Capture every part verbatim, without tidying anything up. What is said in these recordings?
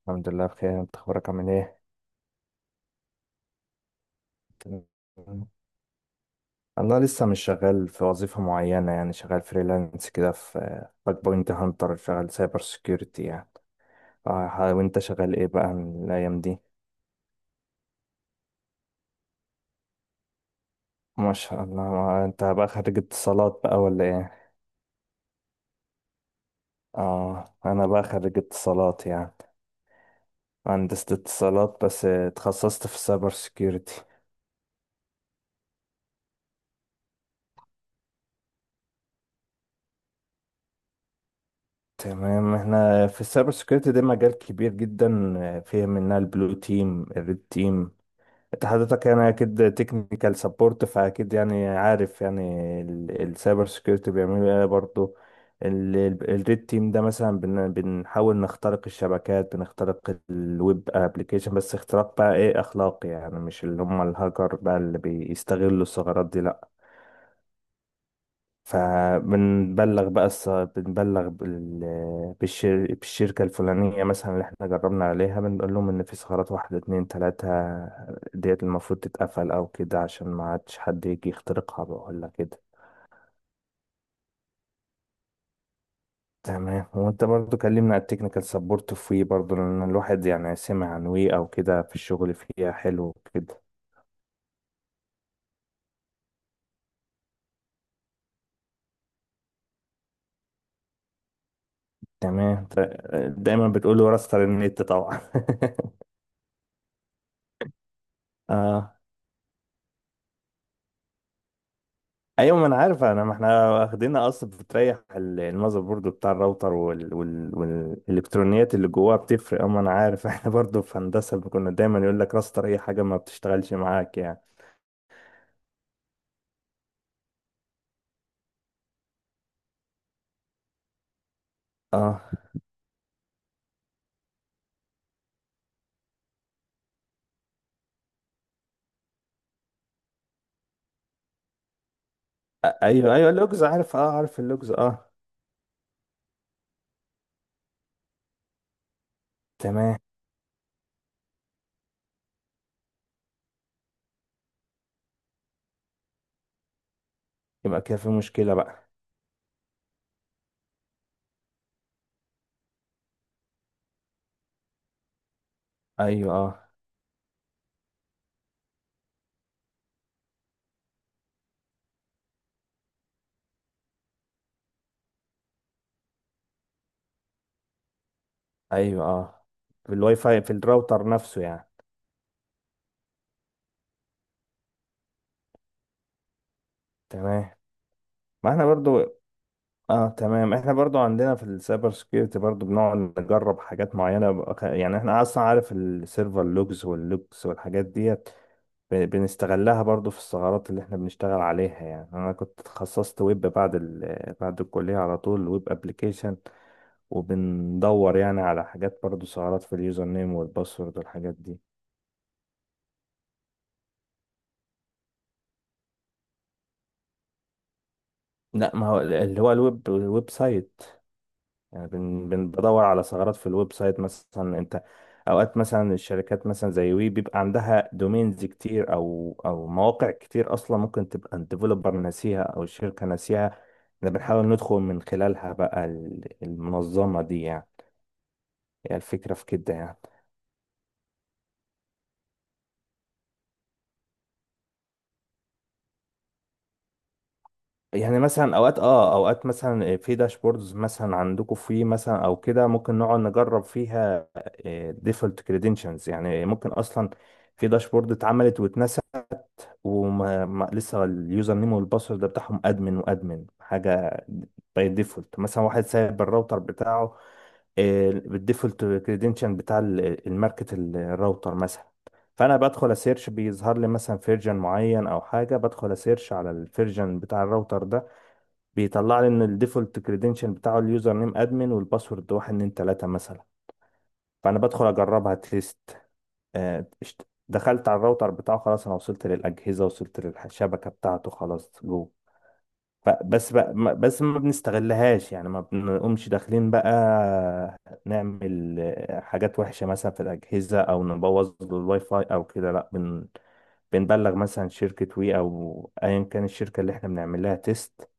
الحمد لله بخير. انت اخبارك، عامل ايه؟ انا لسه مش شغال في وظيفة معينة، يعني شغال فريلانس كده في باك بوينت هانتر، شغال سايبر سيكيورتي يعني. اه، وانت شغال ايه بقى من الايام دي؟ ما شاء الله. انت بقى خريج اتصالات بقى، ولا ايه؟ اه، انا بقى خريج اتصالات يعني. مهندس اتصالات، بس اتخصصت في السايبر سيكيورتي. تمام. احنا في السايبر سيكيورتي ده مجال كبير جدا. فيه منها البلو تيم، الريد تيم. انت حضرتك يعني اكيد تكنيكال سبورت، فاكيد يعني عارف يعني السايبر سكيورتي بيعملوا ايه برضه. الريد تيم ده مثلا بن- بنحاول نخترق الشبكات، بنخترق الويب ابلكيشن، بس اختراق بقى ايه، اخلاقي يعني، مش اللي هم الهاكر بقى اللي بيستغلوا الثغرات دي، لا. فبنبلغ بقى الص- بنبلغ بال- بالشر... بالشركة الفلانية مثلا اللي احنا جربنا عليها، بنقول لهم ان في ثغرات واحد اتنين تلاتة. ديت المفروض تتقفل او كده، عشان ما عادش حد يجي يخترقها بقى، ولا كده. تمام. وانت برضو كلمنا على التكنيكال سبورت في وي برضو، لان الواحد يعني سمع عن وي او كده، في الشغل فيها حلو كده. تمام. ط- دايما بتقول له راستر النت طبعا. اه. ايوه، ما انا عارف انا، ما احنا واخدينها اصلا بتريح ال- المذر بورد بتاع الراوتر وال... وال... والالكترونيات اللي جواها، بتفرق اما انا عارف. احنا برضو في هندسه كنا دايما يقول لك راستر اي حاجه ما بتشتغلش معاك يعني. اه. أ- ايوه، ايوه، اللوجز عارف. اه، عارف اللوجز. اه. تمام. يبقى كده في مشكله بقى. ايوه، اه. ايوه، اه، في الواي فاي، في الراوتر نفسه يعني. تمام. ما احنا برضو. اه، تمام. احنا برضو عندنا في السايبر سكيورتي برضو، بنقعد نجرب حاجات معينة بقى- يعني احنا اصلا عارف السيرفر لوجز واللوجز والحاجات ديت. ب- بنستغلها برضو في الثغرات اللي احنا بنشتغل عليها يعني. انا كنت اتخصصت ويب بعد ال... بعد الكلية على طول، ويب ابليكيشن. وبندور يعني على حاجات برضو، ثغرات في اليوزر نيم والباسورد والحاجات دي. لا، ما هو اللي هو الويب الويب سايت. يعني بن بن- بدور على ثغرات في الويب سايت مثلا. انت اوقات مثلا الشركات مثلا زي وي بيبقى عندها دومينز كتير او او مواقع كتير، اصلا ممكن تبقى الديفلوبر ناسيها او الشركه ناسيها. احنا بنحاول ندخل من خلالها بقى ال- المنظمه دي يعني. هي الفكره في كده يعني. يعني مثلا اوقات اه اوقات مثلا في داشبوردز مثلا عندكم في مثلا، او كده ممكن نقعد نجرب فيها ديفولت كريدنشنز يعني، ممكن اصلا في داشبورد اتعملت واتنست، وما ما لسه اليوزر نيم والباسورد بتاعهم ادمن وادمن حاجه. باي ديفولت مثلا، واحد سايب الراوتر بتاعه آه، بالديفولت كريدنشال بتاع ال- الماركت ال- الراوتر مثلا. فانا بدخل اسيرش، بيظهر لي مثلا فيرجن معين او حاجه، بدخل اسيرش على الفيرجن بتاع الراوتر ده، بيطلع لي ان الديفولت كريدنشال بتاعه اليوزر نيم ادمن، والباسورد واحد اتنين تلاته مثلا. فانا بدخل اجربها تيست. آه، اشت- دخلت على الراوتر بتاعه خلاص، انا وصلت للاجهزه، وصلت للشبكه بتاعته، خلاص جوه. ف- بس بقى، ما- بس ما بنستغلهاش يعني، ما بنقومش داخلين بقى نعمل آه، حاجات وحشه مثلا في الاجهزه، او نبوظ له الواي فاي او كده، لا بن بنبلغ مثلا شركه وي او ايا كان الشركه اللي احنا بنعمل لها تيست،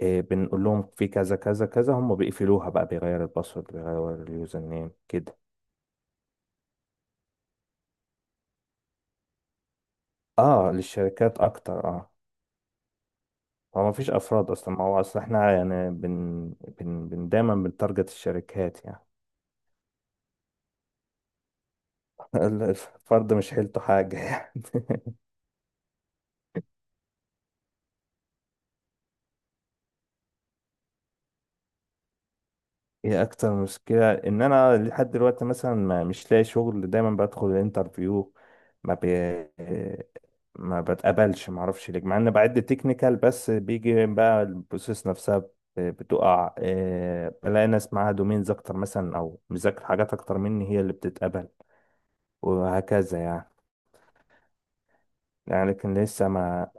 آه، بنقول لهم في كذا كذا كذا، هم بيقفلوها بقى، بيغير الباسورد، بيغير اليوزر نيم كده. اه، للشركات اكتر، اه. هو ما فيش افراد اصلا، ما هو اصلا احنا يعني بن, بن, بن دايما بنتارجت الشركات يعني. الفرد مش حيلته حاجه يعني. ايه اكتر مشكله، ان انا لحد دلوقتي مثلا ما مش لاقي شغل، دايما بدخل الانترفيو ما بي ما بتقبلش، ما اعرفش ليه، مع ان بعد تكنيكال بس بيجي بقى البروسيس نفسها بت- بتقع إيه، بلاقي ناس معاها دومينز اكتر مثلا، او مذاكر حاجات اكتر مني، هي اللي بتتقبل. وهكذا يعني. يعني لكن لسه ما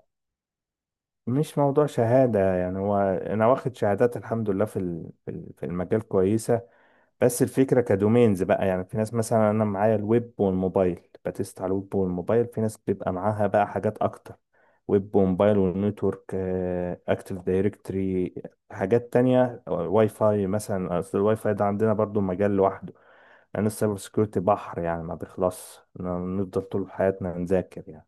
مش موضوع شهادة يعني، هو أنا واخد شهادات الحمد لله، في ال- في ال- في المجال كويسة. بس الفكرة كدومينز بقى يعني، في ناس مثلا أنا معايا الويب والموبايل، بتست على الويب والموبايل، في ناس بيبقى معاها بقى حاجات أكتر. ويب وموبايل والنتورك، أكتيف دايركتري، حاجات تانية، واي فاي مثلا، أصل الواي فاي ده عندنا برضو مجال لوحده. لأن السايبر سكيورتي بحر يعني، ما بيخلصش، نفضل طول حياتنا نذاكر يعني.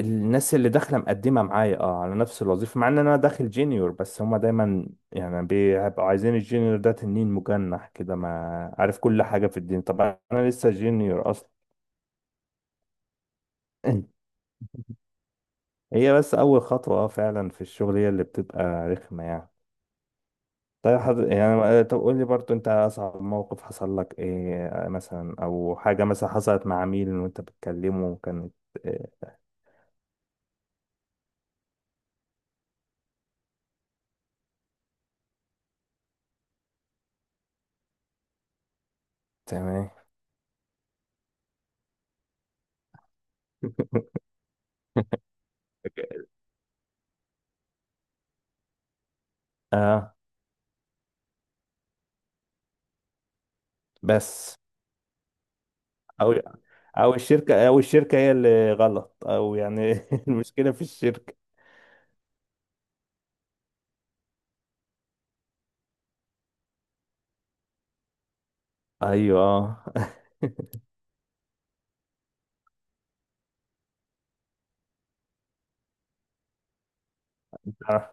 الناس اللي داخله مقدمه معايا اه على نفس الوظيفه، مع ان انا داخل جينيور، بس هما دايما يعني بيبقوا عايزين الجينيور ده تنين مجنح كده، ما عارف كل حاجه في الدين. طب انا لسه جينيور اصلا. هي بس اول خطوه، اه، فعلا في الشغل هي اللي بتبقى رخمه يعني. طيب حضر... يعني طب قول لي برضو، انت اصعب موقف حصل لك ايه مثلا، او حاجه مثلا حصلت مع عميل وانت بتكلمه كانت إيه؟ تمام. اه، بس او او الشركه، او الشركه هي اللي غلط، او يعني المشكله في الشركه. ايوه، اه.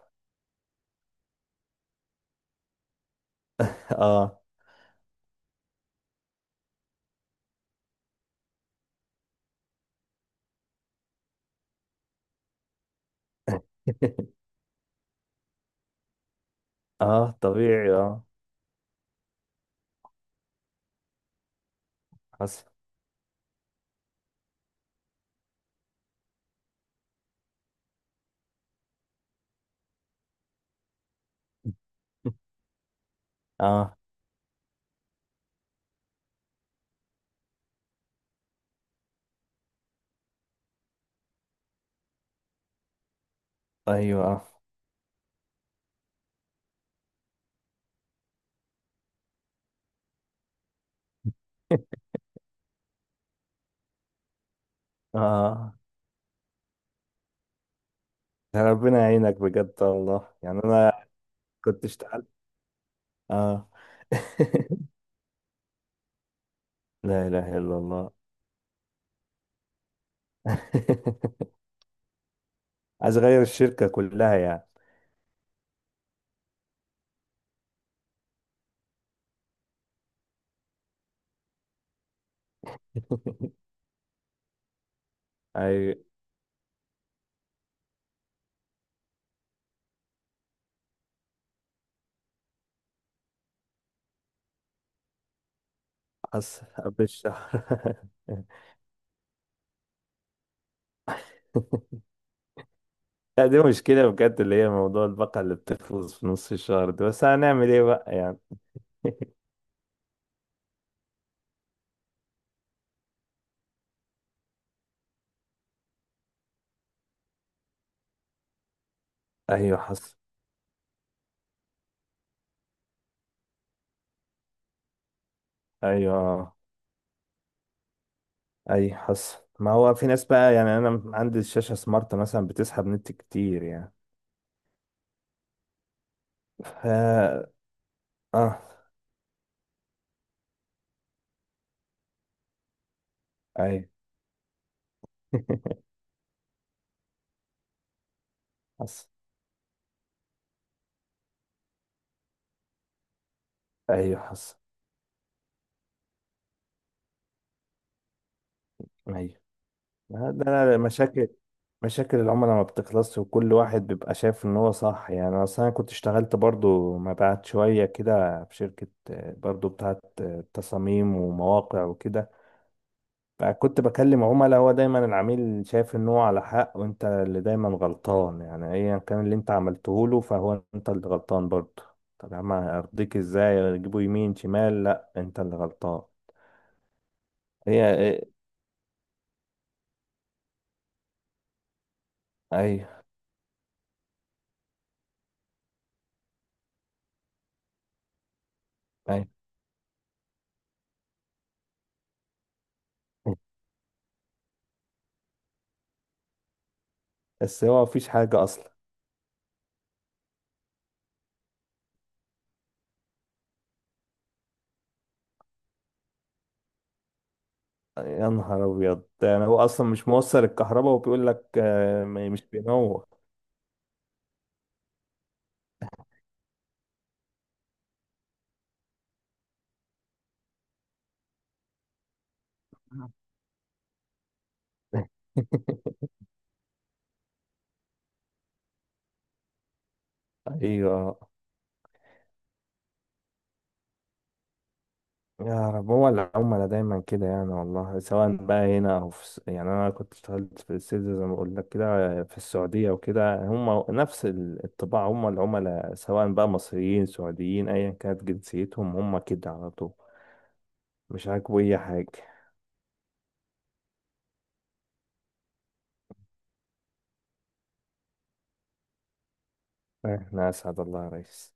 اه. اه، طبيعي، اه. حصل، اه. ايوه، اه. اه. ده ربنا يعينك بجد والله، يعني انا كنت اشتغلت، اه. لا اله الا الله. عايز اغير الشركه كلها يعني. اي، حصل قبل الشهر. لا، دي مشكلة بجد اللي هي موضوع البقرة اللي بتفوز في نص الشهر ده، بس هنعمل ايه بقى يعني؟ ايوه، حصل. ايوه، اي، حصل. ما هو في ناس بقى، يعني انا عندي الشاشة سمارت مثلا بتسحب نت كتير يعني. ف اه ايوه. حصل، ايوه، حصل، ايوه. ما ده أنا مشاكل، مشاكل العملاء ما بتخلصش، وكل واحد بيبقى شايف ان هو صح يعني. اصل انا كنت اشتغلت برضو مبيعات شوية كده في شركة آه، برضو بتاعت آه، تصاميم ومواقع وكده. فكنت بكلم عملاء، هو دايما العميل شايف ان هو على حق، وانت اللي دايما غلطان يعني، ايا كان اللي انت عملته له، فهو انت اللي غلطان برضه. طب يا عم، ارضيك ازاي، اجيبه يمين شمال، لا انت اللي غلطان. هي ايه. ايوه، ايوه. بس هو مفيش حاجة اصلا. يا نهار ابيض، يعني هو اصلا مش موصل الكهرباء وبيقول لك آه، م- مش بينور. ايوه. يا رب. هو العملاء دايما كده يعني والله، سواء بقى هنا او في الس- يعني انا كنت اشتغلت في السيلز زي ما بقول لك كده في السعوديه وكده، هم نفس ال- الطباع، هم العملاء سواء بقى مصريين سعوديين، ايا كانت جنسيتهم هم كده على طول. مش عاجبه اي حاجه. احنا اسعد الله يا ريس.